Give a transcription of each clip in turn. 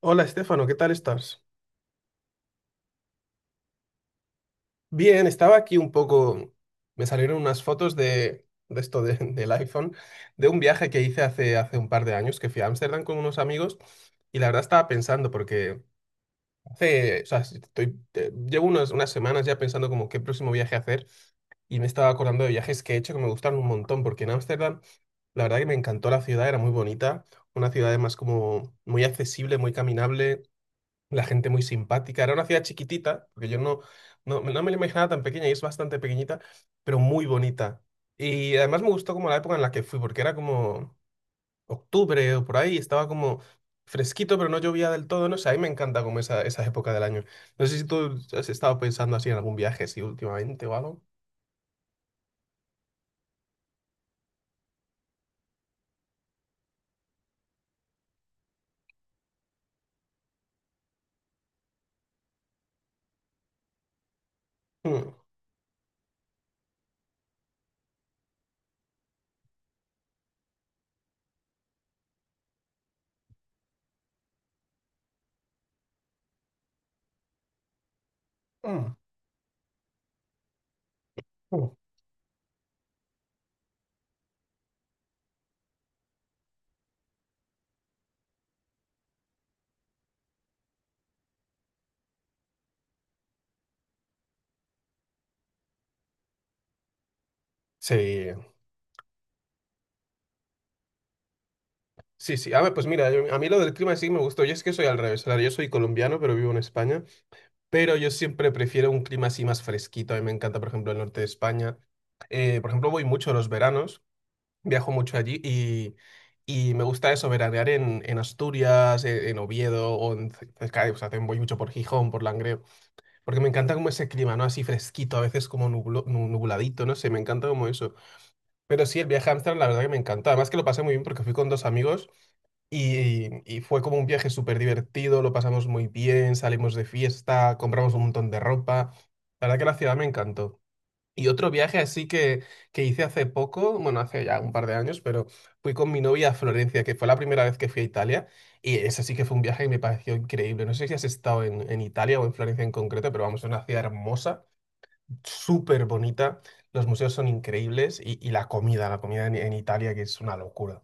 Hola, Estefano, ¿qué tal estás? Bien, estaba aquí un poco. Me salieron unas fotos de esto del iPhone, de un viaje que hice hace un par de años, que fui a Ámsterdam con unos amigos, y la verdad estaba pensando, porque hace, o sea, si estoy, llevo unas semanas ya pensando como qué próximo viaje hacer, y me estaba acordando de viajes que he hecho que me gustaron un montón, porque en Ámsterdam la verdad que me encantó la ciudad, era muy bonita, una ciudad además como muy accesible, muy caminable. La gente muy simpática. Era una ciudad chiquitita, porque yo no, no, no me la imaginaba tan pequeña y es bastante pequeñita, pero muy bonita. Y además me gustó como la época en la que fui, porque era como octubre o por ahí, estaba como fresquito, pero no llovía del todo. No sé, a mí me encanta como esa época del año. No sé si tú has estado pensando así en algún viaje, sí, últimamente o algo. Mm. Mm. Mm. Sí, sí, sí. A ver, pues mira, a mí lo del clima sí me gustó. Yo es que soy al revés. O sea, yo soy colombiano, pero vivo en España. Pero yo siempre prefiero un clima así más fresquito. A mí me encanta, por ejemplo, el norte de España. Por ejemplo, voy mucho los veranos, viajo mucho allí y me gusta eso, veranear en Asturias, en Oviedo o en cerca de, o sea, también voy mucho por Gijón, por Langreo, porque me encanta como ese clima, ¿no? Así fresquito, a veces como nubladito, no sé, me encanta como eso. Pero sí, el viaje a Ámsterdam, la verdad que me encantó. Además que lo pasé muy bien porque fui con dos amigos y fue como un viaje súper divertido, lo pasamos muy bien, salimos de fiesta, compramos un montón de ropa. La verdad que la ciudad me encantó. Y otro viaje así que hice hace poco, bueno, hace ya un par de años, pero fui con mi novia a Florencia, que fue la primera vez que fui a Italia. Y ese sí que fue un viaje que me pareció increíble. No sé si has estado en Italia o en Florencia en concreto, pero vamos, es una ciudad hermosa, súper bonita, los museos son increíbles y la comida en Italia que es una locura.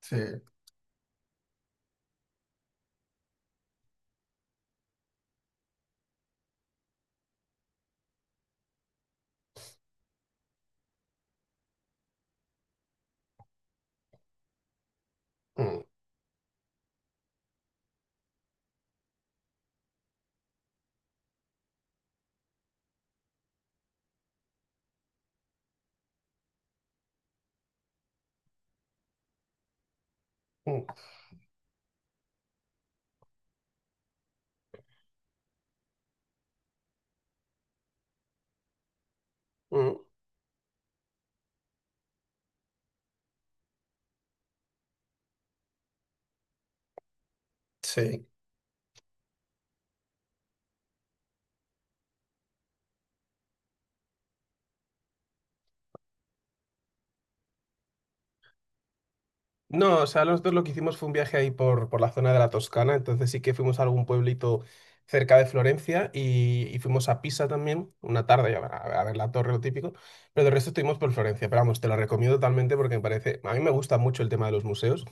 Sí. Mm, mm, mm, sí. No, o sea, nosotros lo que hicimos fue un viaje ahí por la zona de la Toscana, entonces sí que fuimos a algún pueblito cerca de Florencia y fuimos a Pisa también, una tarde, a ver la torre, lo típico, pero del resto estuvimos por Florencia, pero vamos, te lo recomiendo totalmente porque me parece, a mí me gusta mucho el tema de los museos.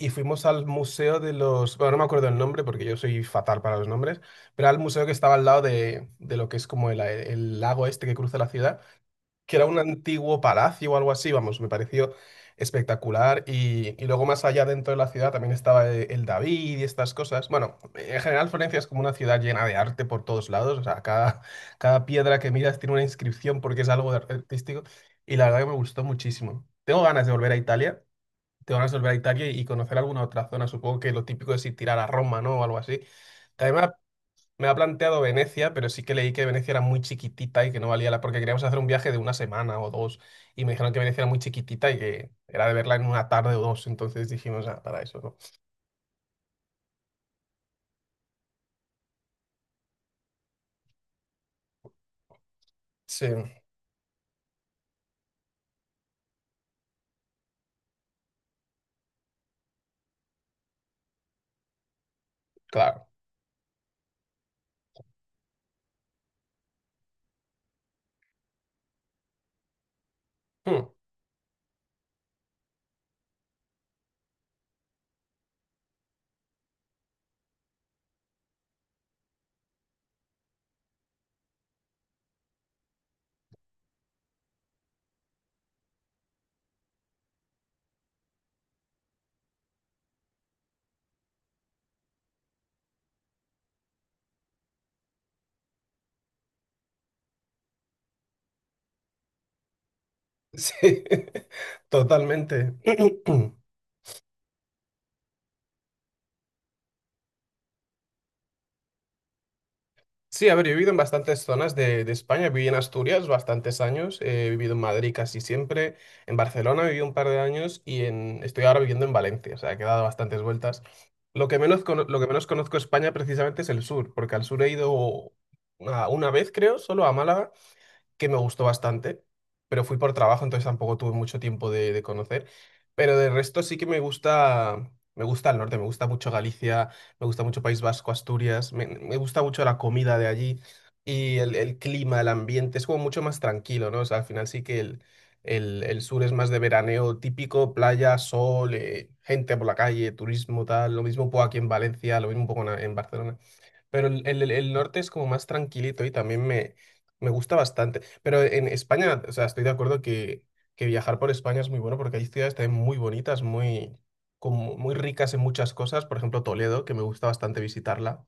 Y fuimos al museo de los, bueno, no me acuerdo el nombre porque yo soy fatal para los nombres, pero al museo que estaba al lado de lo que es como el lago este que cruza la ciudad, que era un antiguo palacio o algo así, vamos, me pareció espectacular y luego más allá dentro de la ciudad también estaba el David y estas cosas. Bueno, en general Florencia es como una ciudad llena de arte por todos lados, o sea, cada piedra que miras tiene una inscripción porque es algo artístico y la verdad que me gustó muchísimo. Tengo ganas de volver a Italia, te van a resolver a Italia y conocer alguna otra zona. Supongo que lo típico es ir tirar a Roma, ¿no? O algo así. También me ha, Me ha planteado Venecia, pero sí que leí que Venecia era muy chiquitita y que no valía la... porque queríamos hacer un viaje de una semana o dos y me dijeron que Venecia era muy chiquitita y que era de verla en una tarde o dos. Entonces dijimos, ah, para eso, ¿no? Sí, claro. Hmm, sí, totalmente. Sí, a ver, yo he vivido en bastantes zonas de España. Viví en Asturias bastantes años, he vivido en Madrid casi siempre, en Barcelona viví un par de años y en, estoy ahora viviendo en Valencia, o sea, que he dado bastantes vueltas. Lo que menos, lo que menos conozco de España precisamente es el sur, porque al sur he ido una vez, creo, solo a Málaga, que me gustó bastante, pero fui por trabajo, entonces tampoco tuve mucho tiempo de conocer. Pero de resto sí que me gusta el norte, me gusta mucho Galicia, me gusta mucho País Vasco, Asturias, me gusta mucho la comida de allí y el clima, el ambiente, es como mucho más tranquilo, ¿no? O sea, al final sí que el sur es más de veraneo típico, playa, sol, gente por la calle, turismo, tal, lo mismo un poco aquí en Valencia, lo mismo un poco en Barcelona. Pero el norte es como más tranquilito y también me gusta bastante. Pero en España, o sea, estoy de acuerdo que viajar por España es muy bueno porque hay ciudades también muy bonitas, muy, como muy ricas en muchas cosas. Por ejemplo, Toledo, que me gusta bastante visitarla,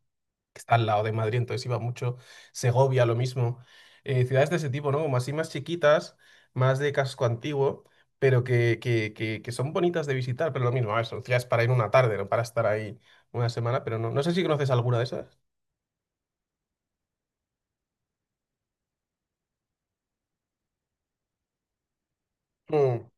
que está al lado de Madrid, entonces iba mucho. Segovia, lo mismo. Ciudades de ese tipo, ¿no? Como así más chiquitas, más de casco antiguo, pero que son bonitas de visitar. Pero lo mismo, a ver, son ciudades para ir una tarde, no para estar ahí una semana. Pero no, no sé si conoces alguna de esas. Mm,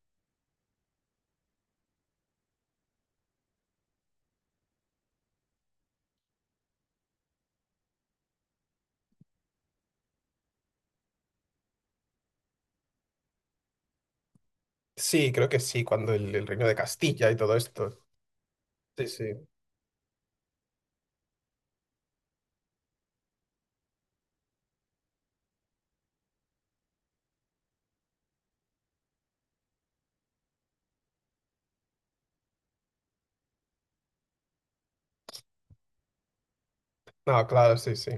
sí, creo que sí, cuando el reino de Castilla y todo esto. Sí, sí. No, claro, sí, sí.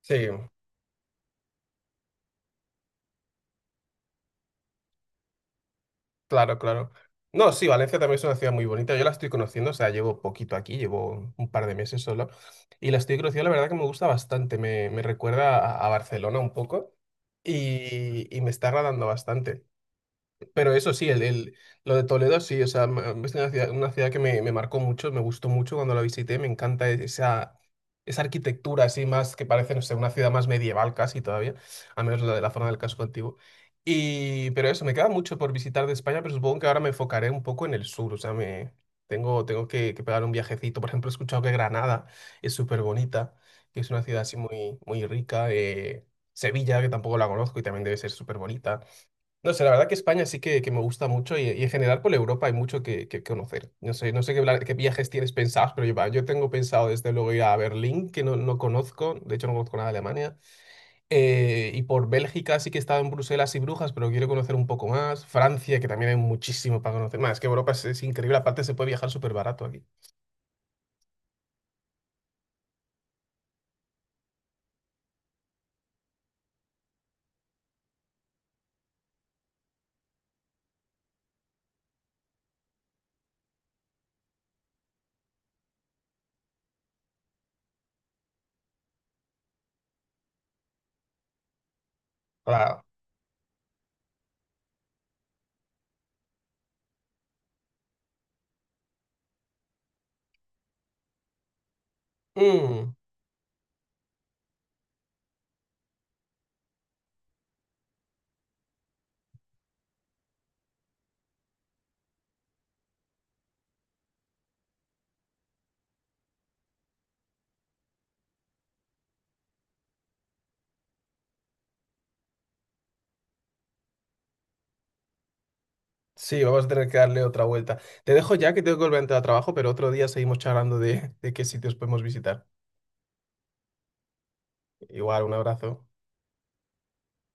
Sí, claro, claro. No, sí, Valencia también es una ciudad muy bonita. Yo la estoy conociendo, o sea, llevo poquito aquí, llevo un par de meses solo. Y la estoy conociendo, la verdad que me gusta bastante. Me recuerda a Barcelona un poco y me está agradando bastante. Pero eso sí, lo de Toledo sí, o sea, es una ciudad que me marcó mucho, me gustó mucho cuando la visité, me encanta e, esa arquitectura así más que parece, no sé, una ciudad más medieval casi todavía, al menos la de la zona del casco antiguo. Y, pero eso, me queda mucho por visitar de España, pero supongo que ahora me enfocaré un poco en el sur, o sea, me, tengo, tengo que pegar un viajecito. Por ejemplo, he escuchado que Granada es súper bonita, que es una ciudad así muy, muy rica. Sevilla, que tampoco la conozco y también debe ser súper bonita. No sé, la verdad que España sí que me gusta mucho y en general por Europa hay mucho que conocer. No sé, no sé qué, qué viajes tienes pensados, pero yo, va, yo tengo pensado desde luego ir a Berlín, que no, no conozco, de hecho no conozco nada de Alemania, y por Bélgica sí que he estado en Bruselas y Brujas, pero quiero conocer un poco más. Francia, que también hay muchísimo para conocer. Más, es que Europa es increíble, aparte se puede viajar súper barato aquí. Claro. Mm, sí, vamos a tener que darle otra vuelta. Te dejo ya que tengo que volver a entrar a trabajo, pero otro día seguimos charlando de qué sitios podemos visitar. Igual, un abrazo.